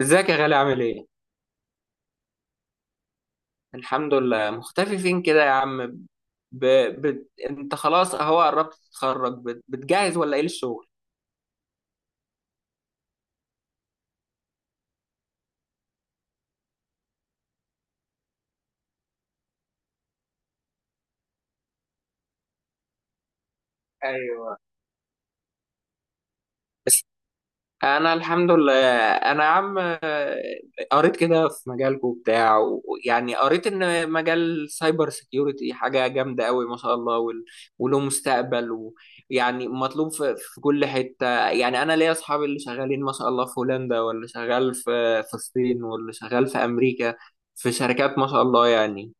ازيك يا غالي عامل ايه؟ الحمد لله مختفي فين كده يا عم؟ ب... انت خلاص اهو قربت تتخرج، بتجهز ولا ايه للشغل؟ ايوه. انا الحمد لله. انا يا عم، قريت كده في مجالكم وبتاع، ويعني قريت ان مجال سايبر سيكيورتي حاجه جامده قوي ما شاء الله، وله مستقبل، ويعني مطلوب في كل حته. يعني انا ليا اصحابي اللي شغالين ما شاء الله في هولندا، واللي شغال في الصين، واللي شغال في امريكا، في شركات ما شاء الله يعني.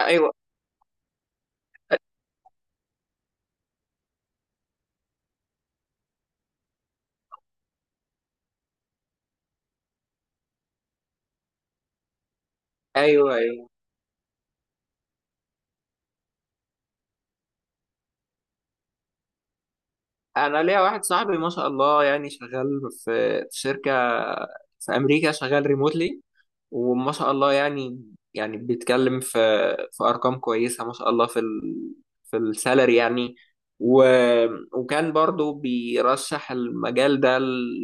ايوه. ايوه. ايوه. انا ليا واحد صاحبي ما شاء الله، يعني شغال في شركه في امريكا، شغال ريموتلي وما شاء الله يعني بيتكلم في ارقام كويسه ما شاء الله، في السالري يعني. و وكان برضو بيرشح المجال ده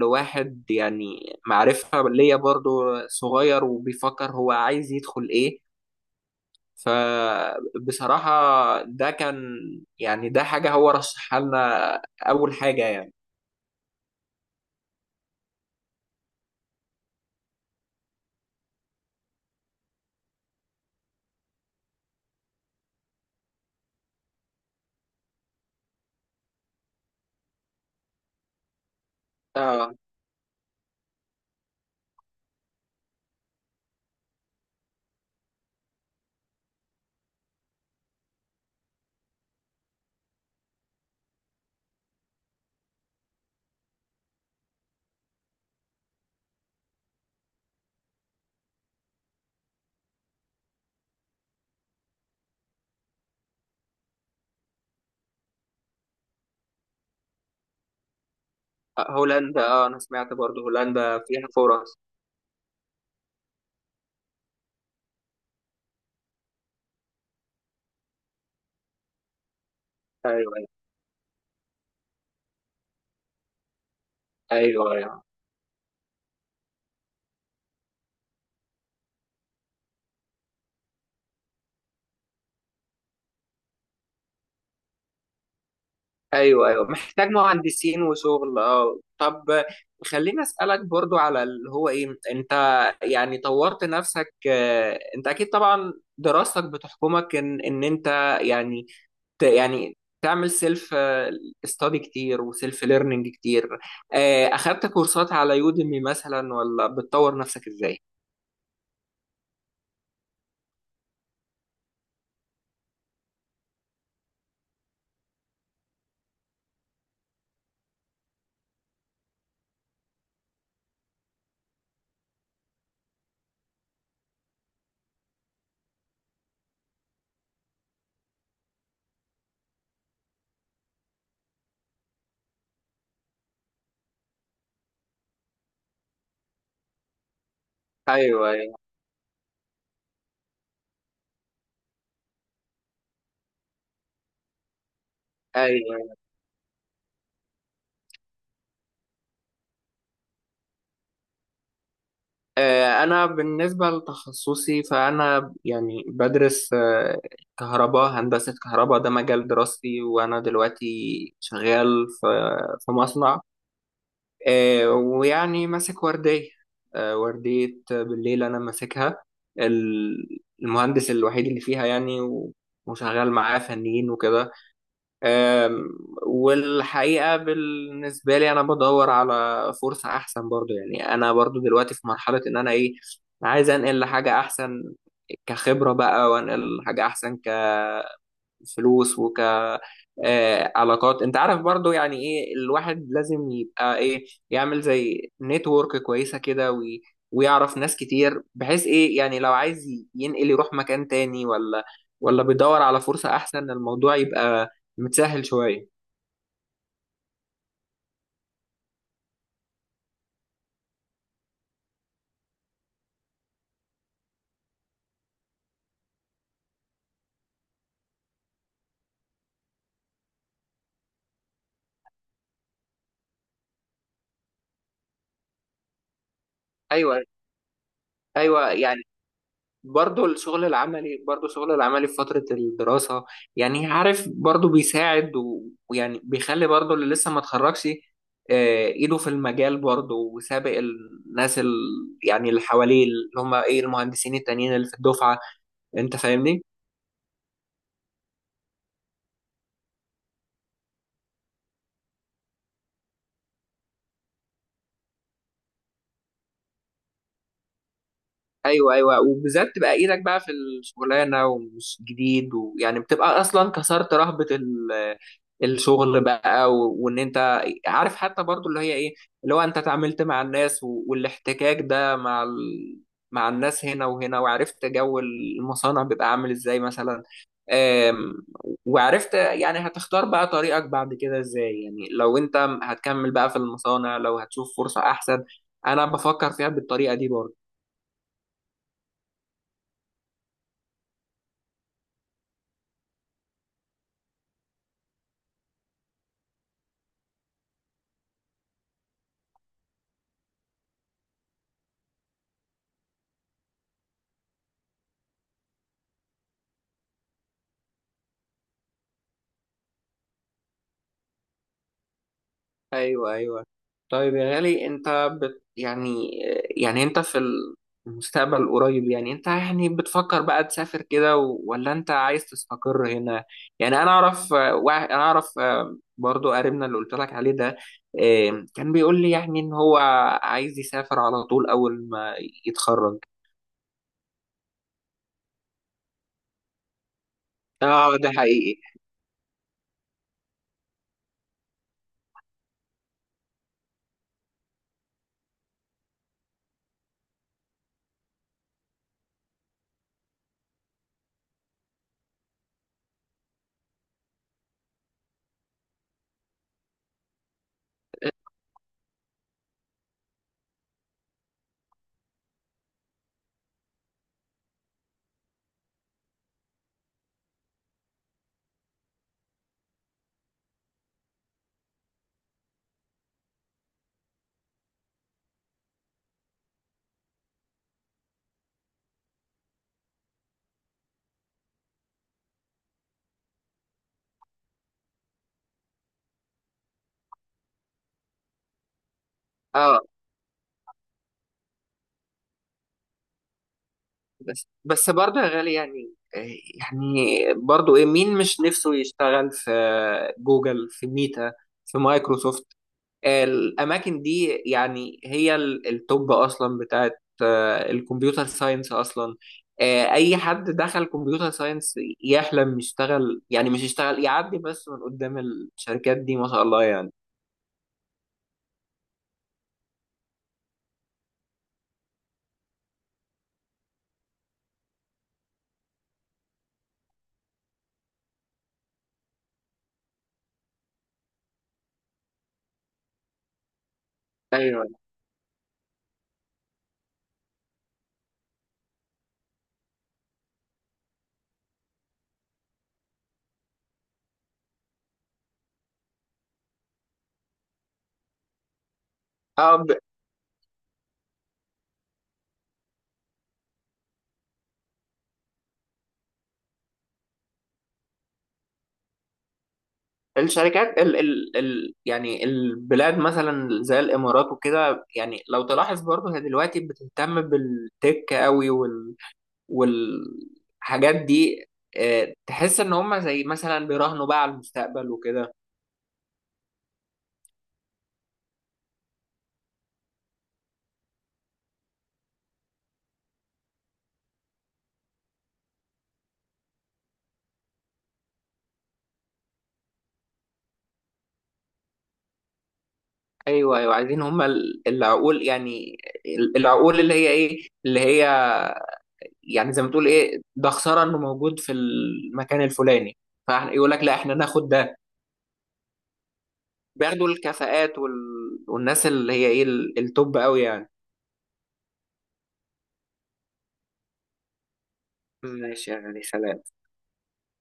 لواحد، يعني معرفه ليا برضو، صغير وبيفكر هو عايز يدخل ايه. فبصراحه ده كان، يعني ده حاجه هو رشحها لنا اول حاجه يعني. اه، هولندا. اه، انا سمعت برضو هولندا فيها فرص. ايوه. ايوه. ايوه. ايوه، محتاج مهندسين وشغل. اه، طب خليني اسالك برضو على اللي هو ايه انت، يعني طورت نفسك انت اكيد طبعا دراستك بتحكمك ان انت يعني، يعني تعمل سيلف استادي كتير وسيلف ليرنينج كتير. اخدت كورسات على يوديمي مثلا ولا بتطور نفسك ازاي؟ ايوه. ايوه. ايوه. أنا بالنسبة لتخصصي فأنا يعني بدرس، آه، كهرباء هندسة كهرباء، ده مجال دراستي. وأنا دلوقتي شغال في مصنع، ويعني ماسك وردية، وردية بالليل أنا ماسكها، المهندس الوحيد اللي فيها يعني، وشغال معاه فنيين وكده. أم، والحقيقة بالنسبة لي أنا بدور على فرصة أحسن برضو. يعني أنا برضو دلوقتي في مرحلة إن أنا إيه، عايز أنقل لحاجة أحسن كخبرة بقى، وأنقل لحاجة أحسن كفلوس، علاقات. أنت عارف برضو يعني إيه، الواحد لازم يبقى إيه، يعمل زي نتورك كويسة كده ويعرف ناس كتير، بحيث إيه يعني لو عايز ينقل يروح مكان تاني، ولا بيدور على فرصة أحسن، الموضوع يبقى متسهل شوية. ايوه. ايوه يعني. برضو الشغل العملي في فتره الدراسه، يعني عارف برضو بيساعد ويعني بيخلي برضو اللي لسه ما اتخرجش، ايده في المجال برضو وسابق الناس يعني اللي حواليه، اللي هم ايه المهندسين التانيين اللي في الدفعه، انت فاهمني؟ ايوه. ايوه، وبالذات تبقى ايدك بقى في الشغلانه ومش جديد، ويعني بتبقى اصلا كسرت رهبه الشغل بقى، وان انت عارف حتى برضو اللي هي ايه، اللي هو انت اتعاملت مع الناس والاحتكاك ده مع مع الناس هنا وهنا، وعرفت جو المصانع بيبقى عامل ازاي مثلا. آم، وعرفت يعني هتختار بقى طريقك بعد كده ازاي، يعني لو انت هتكمل بقى في المصانع، لو هتشوف فرصة احسن. انا بفكر فيها بالطريقة دي برضو. ايوه. ايوه، طيب يا غالي انت يعني، يعني انت في المستقبل القريب، يعني انت يعني بتفكر بقى تسافر كده ولا انت عايز تستقر هنا؟ يعني انا اعرف برضو قريبنا اللي قلت لك عليه ده، كان بيقول لي يعني ان هو عايز يسافر على طول اول ما يتخرج. اه، ده حقيقي. اه، بس برضه يا غالي يعني، يعني برضه ايه، مين مش نفسه يشتغل في جوجل، في ميتا، في مايكروسوفت؟ الاماكن دي يعني هي التوب اصلا بتاعت الكمبيوتر ساينس اصلا. اي حد دخل كمبيوتر ساينس يحلم يشتغل، يعني مش يشتغل، يعدي بس من قدام الشركات دي ما شاء الله يعني. ايوه. اه، الشركات ال، يعني البلاد مثلا زي الامارات وكده، يعني لو تلاحظ برضه هي دلوقتي بتهتم بالتك قوي والحاجات دي، تحس ان هم زي مثلا بيراهنوا بقى على المستقبل وكده. ايوه. ايوه، عايزين هم العقول يعني، العقول اللي هي ايه اللي هي يعني زي ما تقول ايه، ده خساره انه موجود في المكان الفلاني، فيقول لك لا احنا ناخد ده. بياخدوا الكفاءات والناس اللي هي ايه التوب قوي يعني. ماشي يعني سلام.